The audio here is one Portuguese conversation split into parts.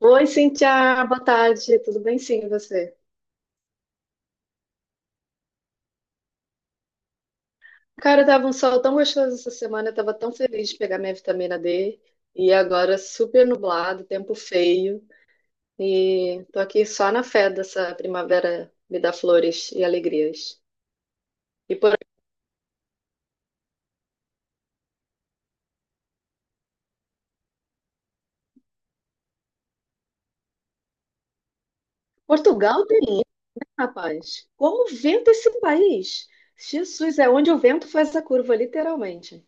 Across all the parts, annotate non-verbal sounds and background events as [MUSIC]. Oi, Cintia, boa tarde. Tudo bem, sim, e você? Cara, tava um sol tão gostoso essa semana, eu tava tão feliz de pegar minha vitamina D e agora super nublado, tempo feio e tô aqui só na fé dessa primavera me dá flores e alegrias. E por Portugal tem isso, rapaz. Como venta esse país? Jesus, é onde o vento faz a curva, literalmente.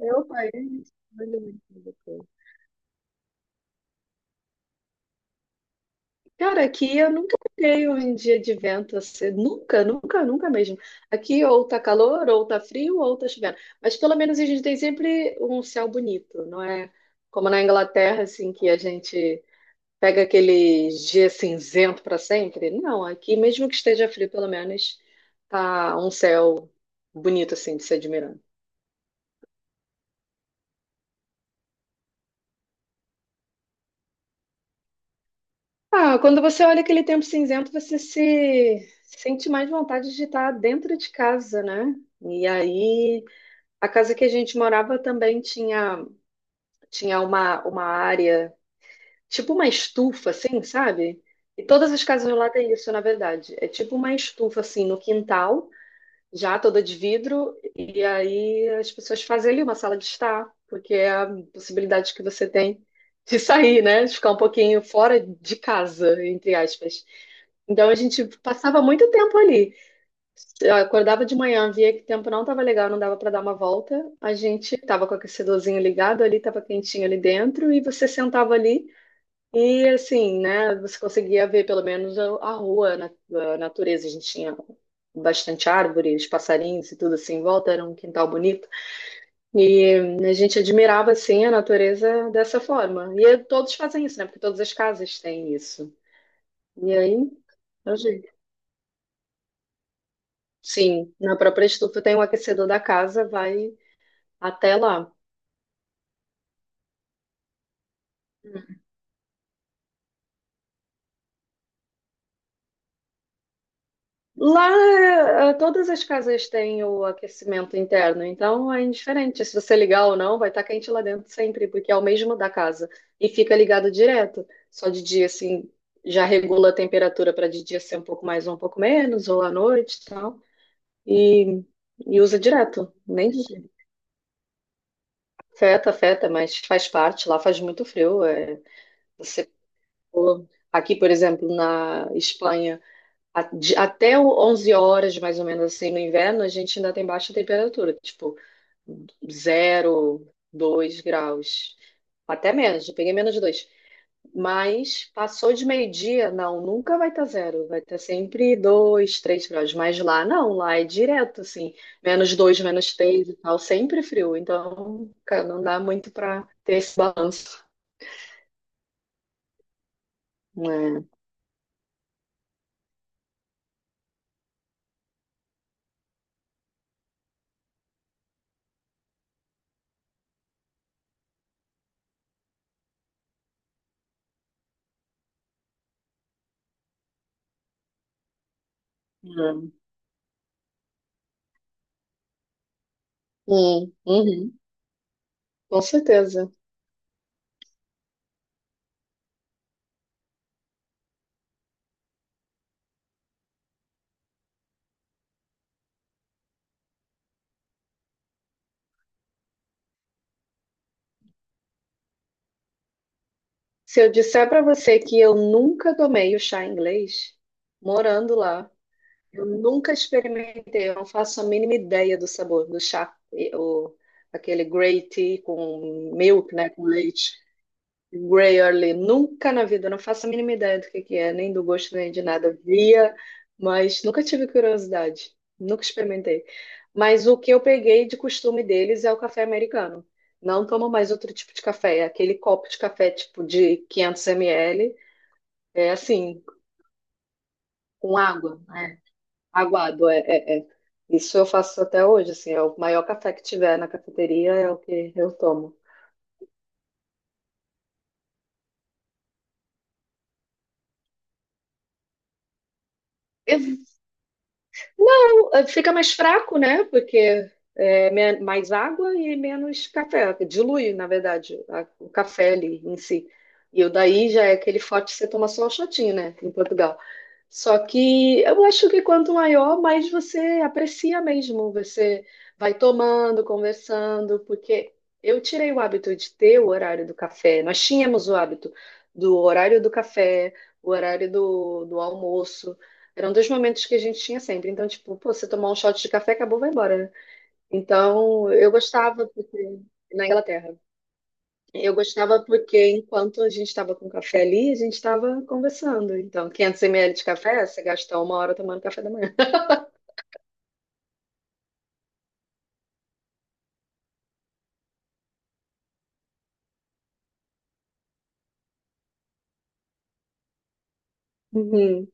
É o país. Cara, aqui eu nunca peguei um dia de vento assim, nunca, nunca, nunca mesmo. Aqui ou tá calor, ou tá frio, ou tá chovendo. Mas pelo menos a gente tem sempre um céu bonito, não é como na Inglaterra, assim, que a gente pega aquele dia cinzento para sempre. Não, aqui mesmo que esteja frio, pelo menos tá um céu bonito, assim, de se admirar. Ah, quando você olha aquele tempo cinzento, você se sente mais vontade de estar dentro de casa, né? E aí. A casa que a gente morava também tinha uma área, tipo uma estufa, assim, sabe? E todas as casas lá têm isso, na verdade. É tipo uma estufa, assim, no quintal, já toda de vidro, e aí as pessoas fazem ali uma sala de estar, porque é a possibilidade que você tem de sair, né? De ficar um pouquinho fora de casa, entre aspas. Então a gente passava muito tempo ali. Eu acordava de manhã, via que o tempo não tava legal, não dava para dar uma volta. A gente tava com o aquecedorzinho ligado ali, tava quentinho ali dentro, e você sentava ali e assim, né? Você conseguia ver pelo menos a rua, a natureza. A gente tinha bastante árvores, passarinhos e tudo assim em volta, era um quintal bonito. E a gente admirava assim a natureza dessa forma. E todos fazem isso, né? Porque todas as casas têm isso. E aí, eu digo, sim, na própria estufa tem um aquecedor da casa, vai até lá. Hum. Lá, todas as casas têm o aquecimento interno, então é indiferente se você ligar ou não, vai estar quente lá dentro sempre, porque é o mesmo da casa. E fica ligado direto. Só de dia, assim, já regula a temperatura para de dia ser um pouco mais ou um pouco menos, ou à noite e tal. E, e usa direto. Nem afeta, afeta, mas faz parte. Lá faz muito frio. É. Você, pô, aqui, por exemplo, na Espanha. 11 horas, mais ou menos assim, no inverno, a gente ainda tem baixa temperatura, tipo zero dois graus, até menos, eu peguei menos de 2. Mas passou de meio-dia, não, nunca vai estar zero, vai estar sempre 2 3 graus, mas lá não, lá é direto, assim, menos 2 menos 3 e tal, sempre frio, então, cara, não dá muito para ter esse balanço, né? É. Uhum, com certeza. Se eu disser para você que eu nunca tomei o chá inglês, morando lá, eu nunca experimentei, eu não faço a mínima ideia do sabor do chá, aquele grey tea com milk, né, com leite. Grey Early, nunca na vida, não faço a mínima ideia do que é, nem do gosto, nem de nada. Via, mas nunca tive curiosidade, nunca experimentei. Mas o que eu peguei de costume deles é o café americano. Não tomo mais outro tipo de café, é aquele copo de café tipo de 500 ml, é assim, com água, né? Aguado, é, é, é. Isso eu faço até hoje, assim, é o maior café que tiver na cafeteria, é o que eu tomo. E não, fica mais fraco, né? Porque é mais água e menos café. Dilui, na verdade, o café ali em si. E o daí já é aquele forte que você toma só um shotinho, né? Em Portugal. Só que eu acho que quanto maior, mais você aprecia mesmo. Você vai tomando, conversando, porque eu tirei o hábito de ter o horário do café. Nós tínhamos o hábito do horário do café, o horário do almoço. Eram dois momentos que a gente tinha sempre. Então, tipo, pô, você tomar um shot de café, acabou, vai embora, né? Então, eu gostava, porque na Inglaterra. Eu gostava porque enquanto a gente estava com café ali, a gente estava conversando. Então, 500 ml de café, você gastou uma hora tomando café da manhã. [LAUGHS] Uhum.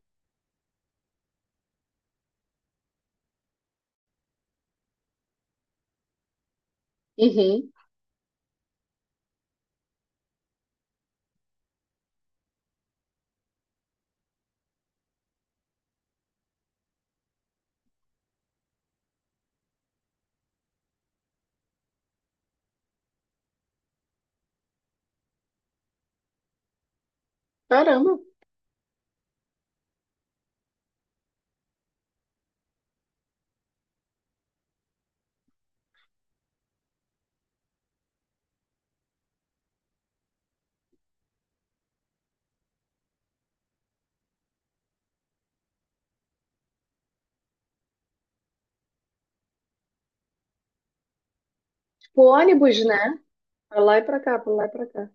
Uhum. Caramba. Tipo ônibus, né? Pra lá e pra cá, pra lá e pra cá.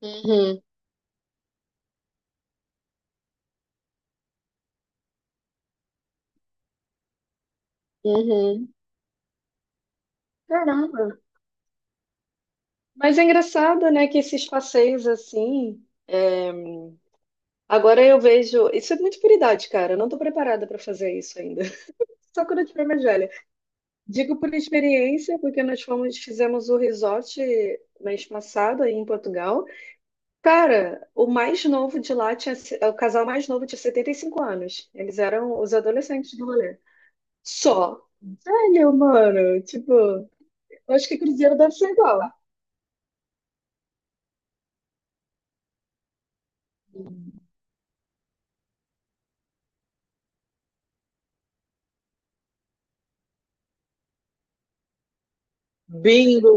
Uhum. Uhum. Caramba. Mas é engraçado, né, que esses passeios assim. É, agora eu vejo. Isso é muito por idade, cara. Eu não tô preparada pra fazer isso ainda. [LAUGHS] Só quando eu tiver mais velha. Digo por experiência, porque nós fomos, fizemos o resort mês passado aí em Portugal. Cara, o mais novo de lá tinha, se- o casal mais novo tinha 75 anos. Eles eram os adolescentes do rolê. Só. Olha, mano, tipo, eu acho que cruzeiro deve ser igual. Bingo.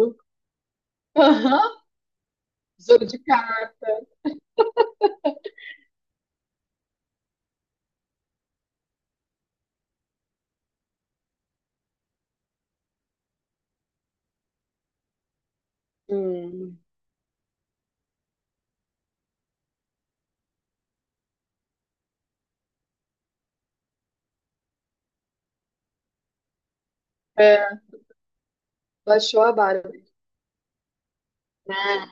Aham. Jogo de carta. Hum, é, baixou a barra. Ah,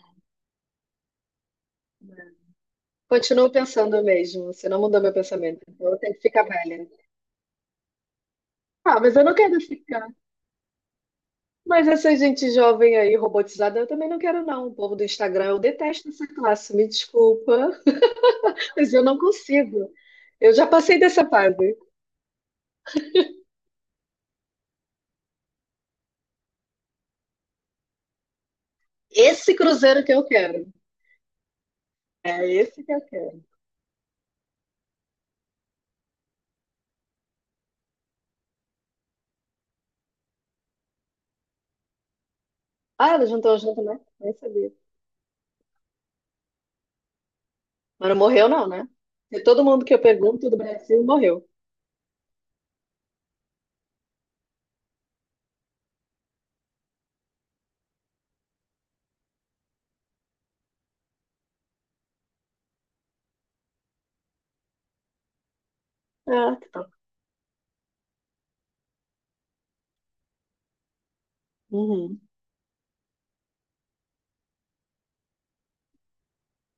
continuo pensando mesmo. Você não mudou meu pensamento. Então eu tenho que ficar velha. Ah, mas eu não quero ficar. Mas essa gente jovem aí, robotizada, eu também não quero, não. O povo do Instagram, eu detesto essa classe, me desculpa, [LAUGHS] mas eu não consigo. Eu já passei dessa fase. Esse cruzeiro que eu quero. É esse que eu quero. Ah, ela juntou junto, né? Nem sabia. Mas não morreu, não, né? Porque todo mundo que eu pergunto do Brasil morreu. Ah, que tal. Uhum.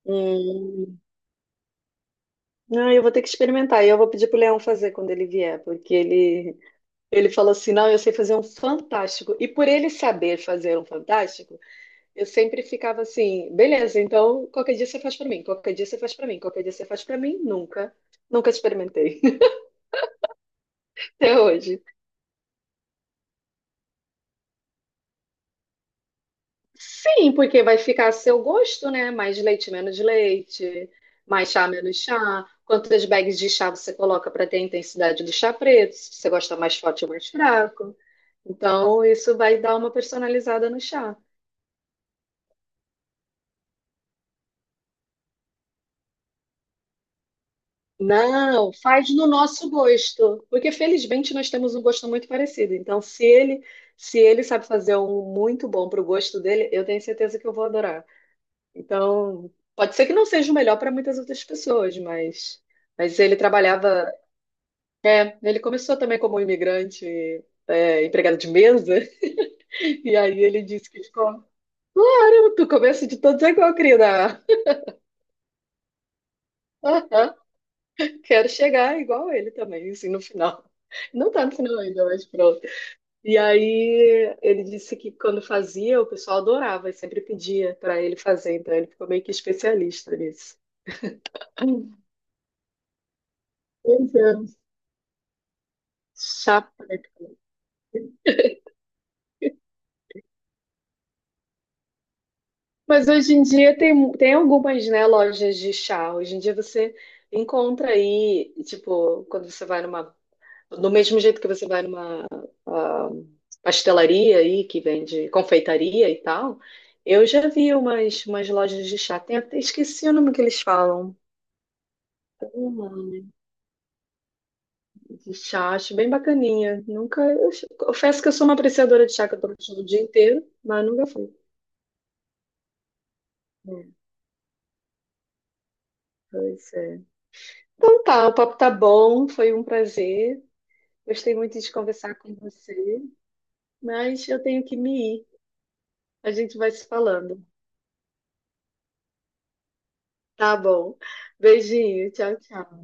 Hum. Ah, eu vou ter que experimentar. E eu vou pedir pro Leão fazer quando ele vier, porque ele falou assim: não, eu sei fazer um fantástico. E por ele saber fazer um fantástico, eu sempre ficava assim, beleza, então qualquer dia você faz pra mim, qualquer dia você faz pra mim, qualquer dia você faz pra mim, nunca, nunca experimentei [LAUGHS] até hoje. Sim, porque vai ficar a seu gosto, né? Mais leite, menos leite, mais chá, menos chá. Quantas bags de chá você coloca pra ter a intensidade do chá preto, se você gosta mais forte ou mais fraco. Então, isso vai dar uma personalizada no chá. Não, faz no nosso gosto, porque felizmente nós temos um gosto muito parecido. Então, se ele sabe fazer um muito bom para o gosto dele, eu tenho certeza que eu vou adorar. Então, pode ser que não seja o melhor para muitas outras pessoas, mas, ele trabalhava, é, ele começou também como imigrante, é, empregado de mesa, [LAUGHS] e aí ele disse que ficou, caramba, tu começa de todos é igual, querida. [LAUGHS] Quero chegar igual ele também, assim, no final. Não tá no final ainda, mas pronto. E aí ele disse que quando fazia, o pessoal adorava e sempre pedia para ele fazer, então ele ficou meio que especialista nisso. Pois é. Chá preto. Mas hoje em dia tem algumas, né, lojas de chá. Hoje em dia você encontra aí, tipo, quando você vai numa. Do mesmo jeito que você vai numa ah, pastelaria aí, que vende confeitaria e tal, eu já vi umas lojas de chá. Tem até esqueci o nome que eles falam. De chá, acho bem bacaninha. Nunca, eu confesso que eu sou uma apreciadora de chá que eu tomo o dia inteiro, mas nunca fui. É, pois é. Então tá, o papo tá bom, foi um prazer. Gostei muito de conversar com você, mas eu tenho que me ir. A gente vai se falando. Tá bom. Beijinho, tchau, tchau.